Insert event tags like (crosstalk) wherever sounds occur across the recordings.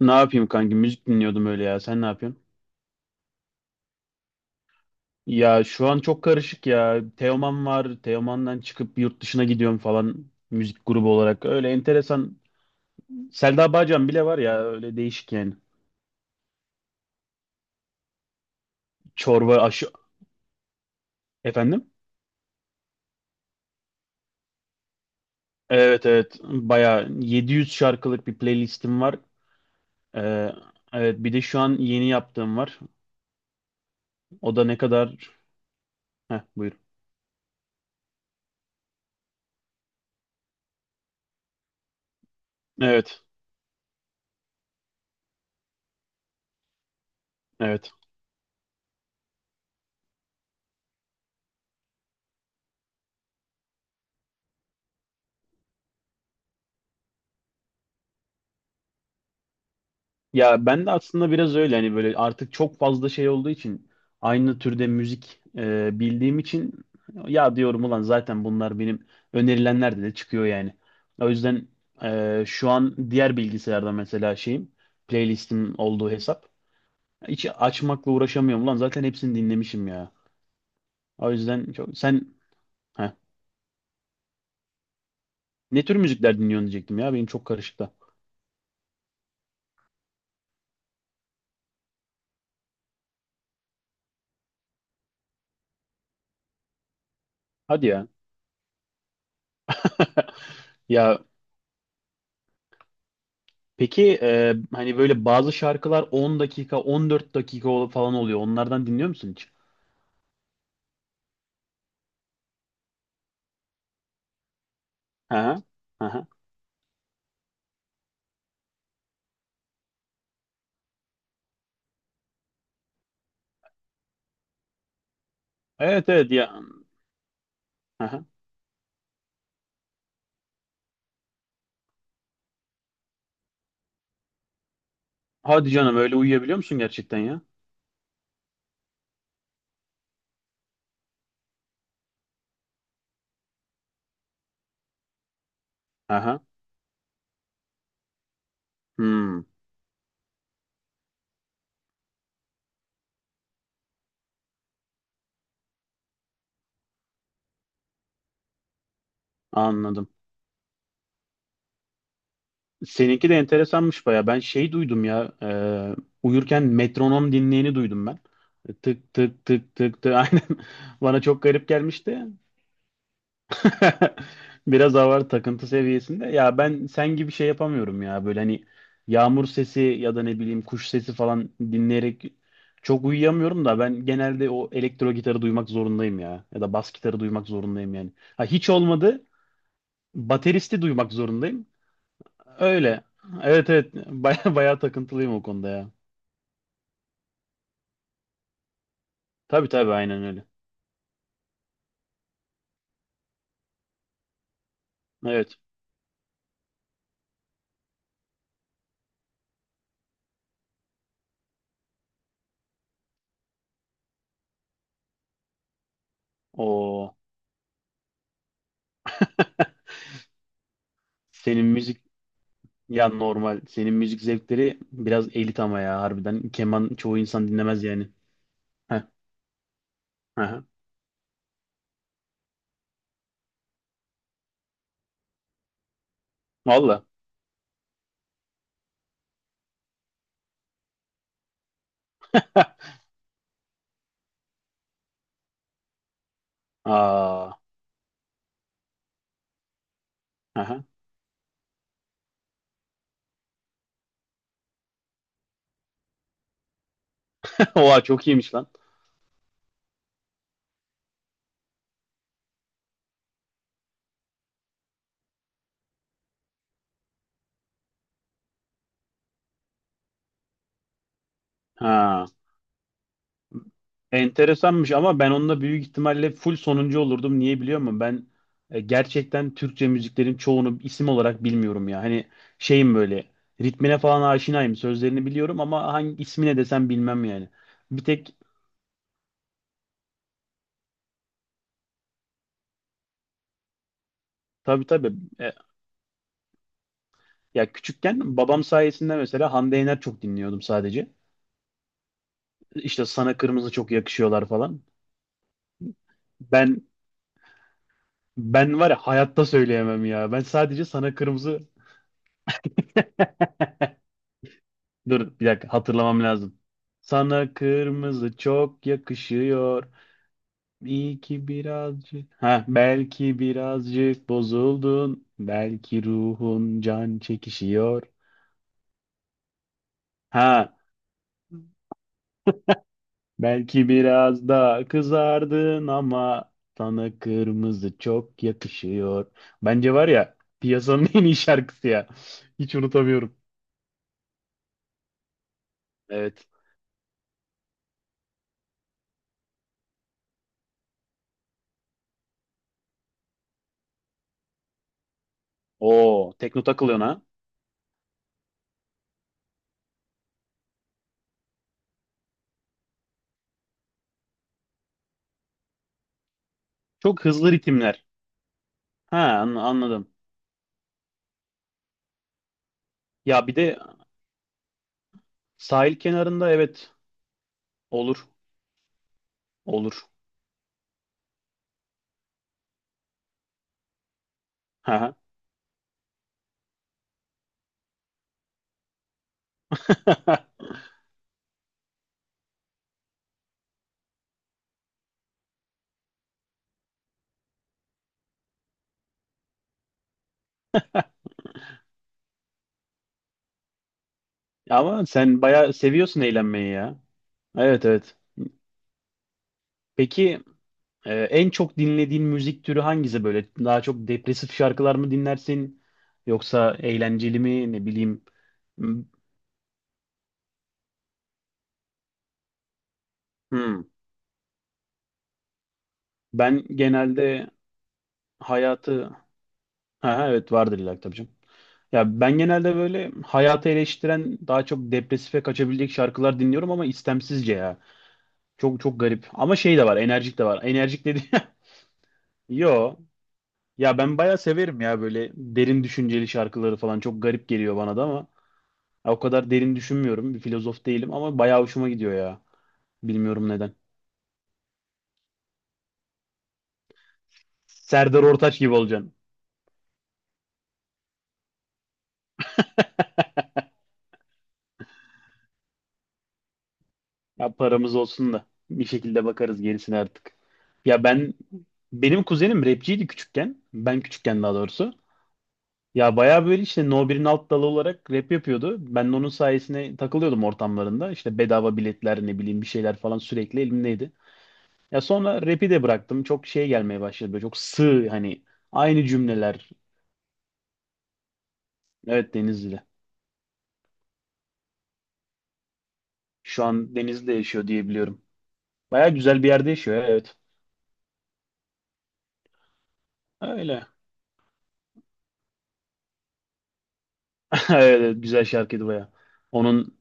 Ne yapayım kanki? Müzik dinliyordum öyle ya. Sen ne yapıyorsun? Ya şu an çok karışık ya. Teoman var. Teoman'dan çıkıp yurt dışına gidiyorum falan. Müzik grubu olarak. Öyle enteresan. Selda Bağcan bile var ya. Öyle değişik yani. Çorba aşı... Efendim? Evet, evet. Baya yüz şarkılık bir playlistim var. Ee, evet, bir de şu an yeni yaptığım var. O da ne kadar... Heh, buyur. Evet. Evet. Ya ben de aslında biraz öyle hani böyle artık çok fazla şey olduğu için aynı türde müzik bildiğim için ya diyorum ulan zaten bunlar benim önerilenlerde de çıkıyor yani. O yüzden şu an diğer bilgisayarda mesela şeyim, playlistim olduğu hesap hiç açmakla uğraşamıyorum ulan, zaten hepsini dinlemişim ya. O yüzden çok sen, heh, ne tür müzikler dinliyorsun diyecektim ya, benim çok karışık da. Hadi ya. (laughs) Ya, peki hani böyle bazı şarkılar 10 dakika, 14 dakika falan oluyor. Onlardan dinliyor musun hiç? Aha, aha. Evet, evet ya. Aha. Hadi canım, öyle uyuyabiliyor musun gerçekten ya? Aha. Hmm, anladım. Seninki de enteresanmış baya. Ben şey duydum ya. Uyurken metronom dinleyeni duydum ben. Tık, tık, tık, tık, tık. (laughs) Aynen. Bana çok garip gelmişti. (laughs) Biraz hava, takıntı seviyesinde. Ya ben sen gibi şey yapamıyorum ya. Böyle hani yağmur sesi ya da ne bileyim kuş sesi falan dinleyerek çok uyuyamıyorum da, ben genelde o elektro gitarı duymak zorundayım ya. Ya da bas gitarı duymak zorundayım yani. Ha, hiç olmadı bateristi duymak zorundayım. Öyle. Evet, evet, (laughs) baya baya takıntılıyım o konuda ya. Tabii, tabii, aynen öyle. Evet. O, (laughs) senin müzik, ya normal. Senin müzik zevkleri biraz elit ama ya, harbiden. Keman çoğu insan dinlemez yani. Heh, aha. Valla. (laughs) Aa, aha. (laughs) Oha, çok iyiymiş lan. Ha. Enteresanmış ama ben onunla büyük ihtimalle full sonuncu olurdum. Niye biliyor musun? Ben gerçekten Türkçe müziklerin çoğunu isim olarak bilmiyorum ya. Hani şeyim böyle ritmine falan aşinayım. Sözlerini biliyorum ama hangi ismine desem bilmem yani. Bir tek, tabii, tabii. e, Ya küçükken babam sayesinde mesela Hande Yener çok dinliyordum sadece. İşte sana kırmızı çok yakışıyorlar falan. Ben ben var ya, hayatta söyleyemem ya. Ben sadece sana kırmızı... (laughs) Dur bir dakika, hatırlamam lazım. Sana kırmızı çok yakışıyor. İyi ki birazcık. Ha, belki birazcık bozuldun. Belki ruhun can çekişiyor. Ha, belki biraz da kızardın ama sana kırmızı çok yakışıyor. Bence var ya, piyasanın (laughs) en iyi şarkısı ya. Hiç unutamıyorum. Evet. Oo, tekno takılıyorsun ha. Çok hızlı ritimler. Ha, anladım. Ya bir de sahil kenarında, evet, olur. Olur. Ha. (laughs) Ama sen bayağı seviyorsun eğlenmeyi ya. Evet, evet. Peki, en çok dinlediğin müzik türü hangisi böyle? Daha çok depresif şarkılar mı dinlersin? Yoksa eğlenceli mi? Ne bileyim. Hmm. Hmm. Ben genelde hayatı... Ha, ha, evet, vardır illa ki, tabii canım. Ya ben genelde böyle hayatı eleştiren, daha çok depresife kaçabilecek şarkılar dinliyorum ama istemsizce ya. Çok çok garip. Ama şey de var, enerjik de var. Enerjik dedi. (laughs) Yo. Ya ben bayağı severim ya, böyle derin düşünceli şarkıları falan. Çok garip geliyor bana da ama. Ya, o kadar derin düşünmüyorum. Bir filozof değilim ama bayağı hoşuma gidiyor ya. Bilmiyorum neden. Serdar Ortaç gibi olacaksın. Ya, paramız olsun da bir şekilde bakarız gerisine artık. Ya benim kuzenim rapçiydi küçükken. Ben küçükken daha doğrusu. Ya bayağı böyle işte No 1'in alt dalı olarak rap yapıyordu. Ben de onun sayesinde takılıyordum ortamlarında. İşte bedava biletler, ne bileyim, bir şeyler falan sürekli elimdeydi. Ya sonra rap'i de bıraktım. Çok şey gelmeye başladı. Böyle çok sığ, hani aynı cümleler. Evet, Denizli. Şu an Denizli'de yaşıyor diye biliyorum. Baya güzel bir yerde yaşıyor ya, evet. Öyle. (laughs) Evet, evet, güzel şarkıydı baya. Onun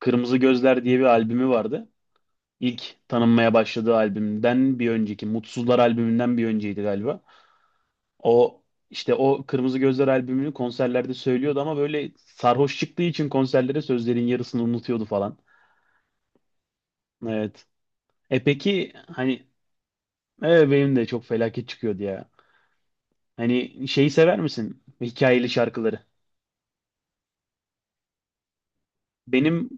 Kırmızı Gözler diye bir albümü vardı. İlk tanınmaya başladığı albümden bir önceki, Mutsuzlar albümünden bir önceydi galiba. O işte o Kırmızı Gözler albümünü konserlerde söylüyordu ama böyle sarhoş çıktığı için konserlere, sözlerin yarısını unutuyordu falan. Evet. E, peki hani, evet, benim de çok felaket çıkıyordu ya. Hani şeyi sever misin? Hikayeli şarkıları. Benim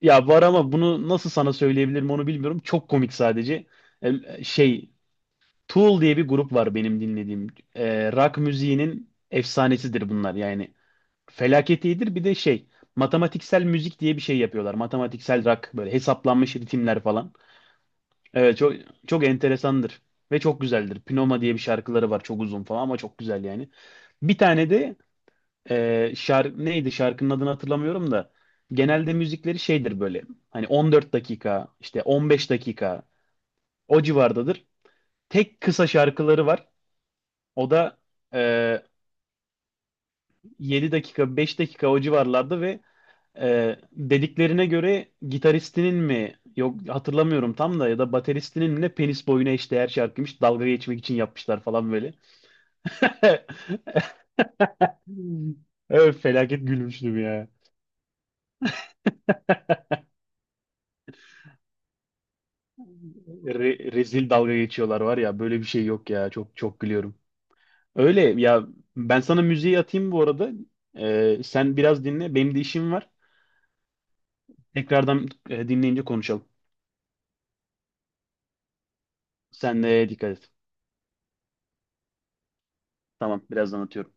Ya, var ama bunu nasıl sana söyleyebilirim onu bilmiyorum. Çok komik sadece. Şey, Tool diye bir grup var benim dinlediğim. Rock müziğinin efsanesidir bunlar yani. Felaket iyidir. Bir de şey, matematiksel müzik diye bir şey yapıyorlar. Matematiksel rock, böyle hesaplanmış ritimler falan. Evet, çok çok enteresandır ve çok güzeldir. Pneuma diye bir şarkıları var, çok uzun falan ama çok güzel yani. Bir tane de şarkı neydi, şarkının adını hatırlamıyorum da, genelde müzikleri şeydir, böyle hani 14 dakika, işte 15 dakika o civardadır. Tek kısa şarkıları var. O da e, 7 dakika, 5 dakika o civarlarda ve dediklerine göre gitaristinin mi, yok hatırlamıyorum tam da, ya da bateristinin mi ne, penis boyuna eşdeğer şarkıymış, dalga geçmek için yapmışlar falan böyle. (laughs) Evet, felaket gülmüştüm ya. Rezil dalga geçiyorlar var ya, böyle bir şey yok ya, çok çok gülüyorum. Öyle ya, ben sana müziği atayım bu arada. Sen biraz dinle, benim de işim var. Tekrardan dinleyince konuşalım. Sen de dikkat et. Tamam, birazdan atıyorum.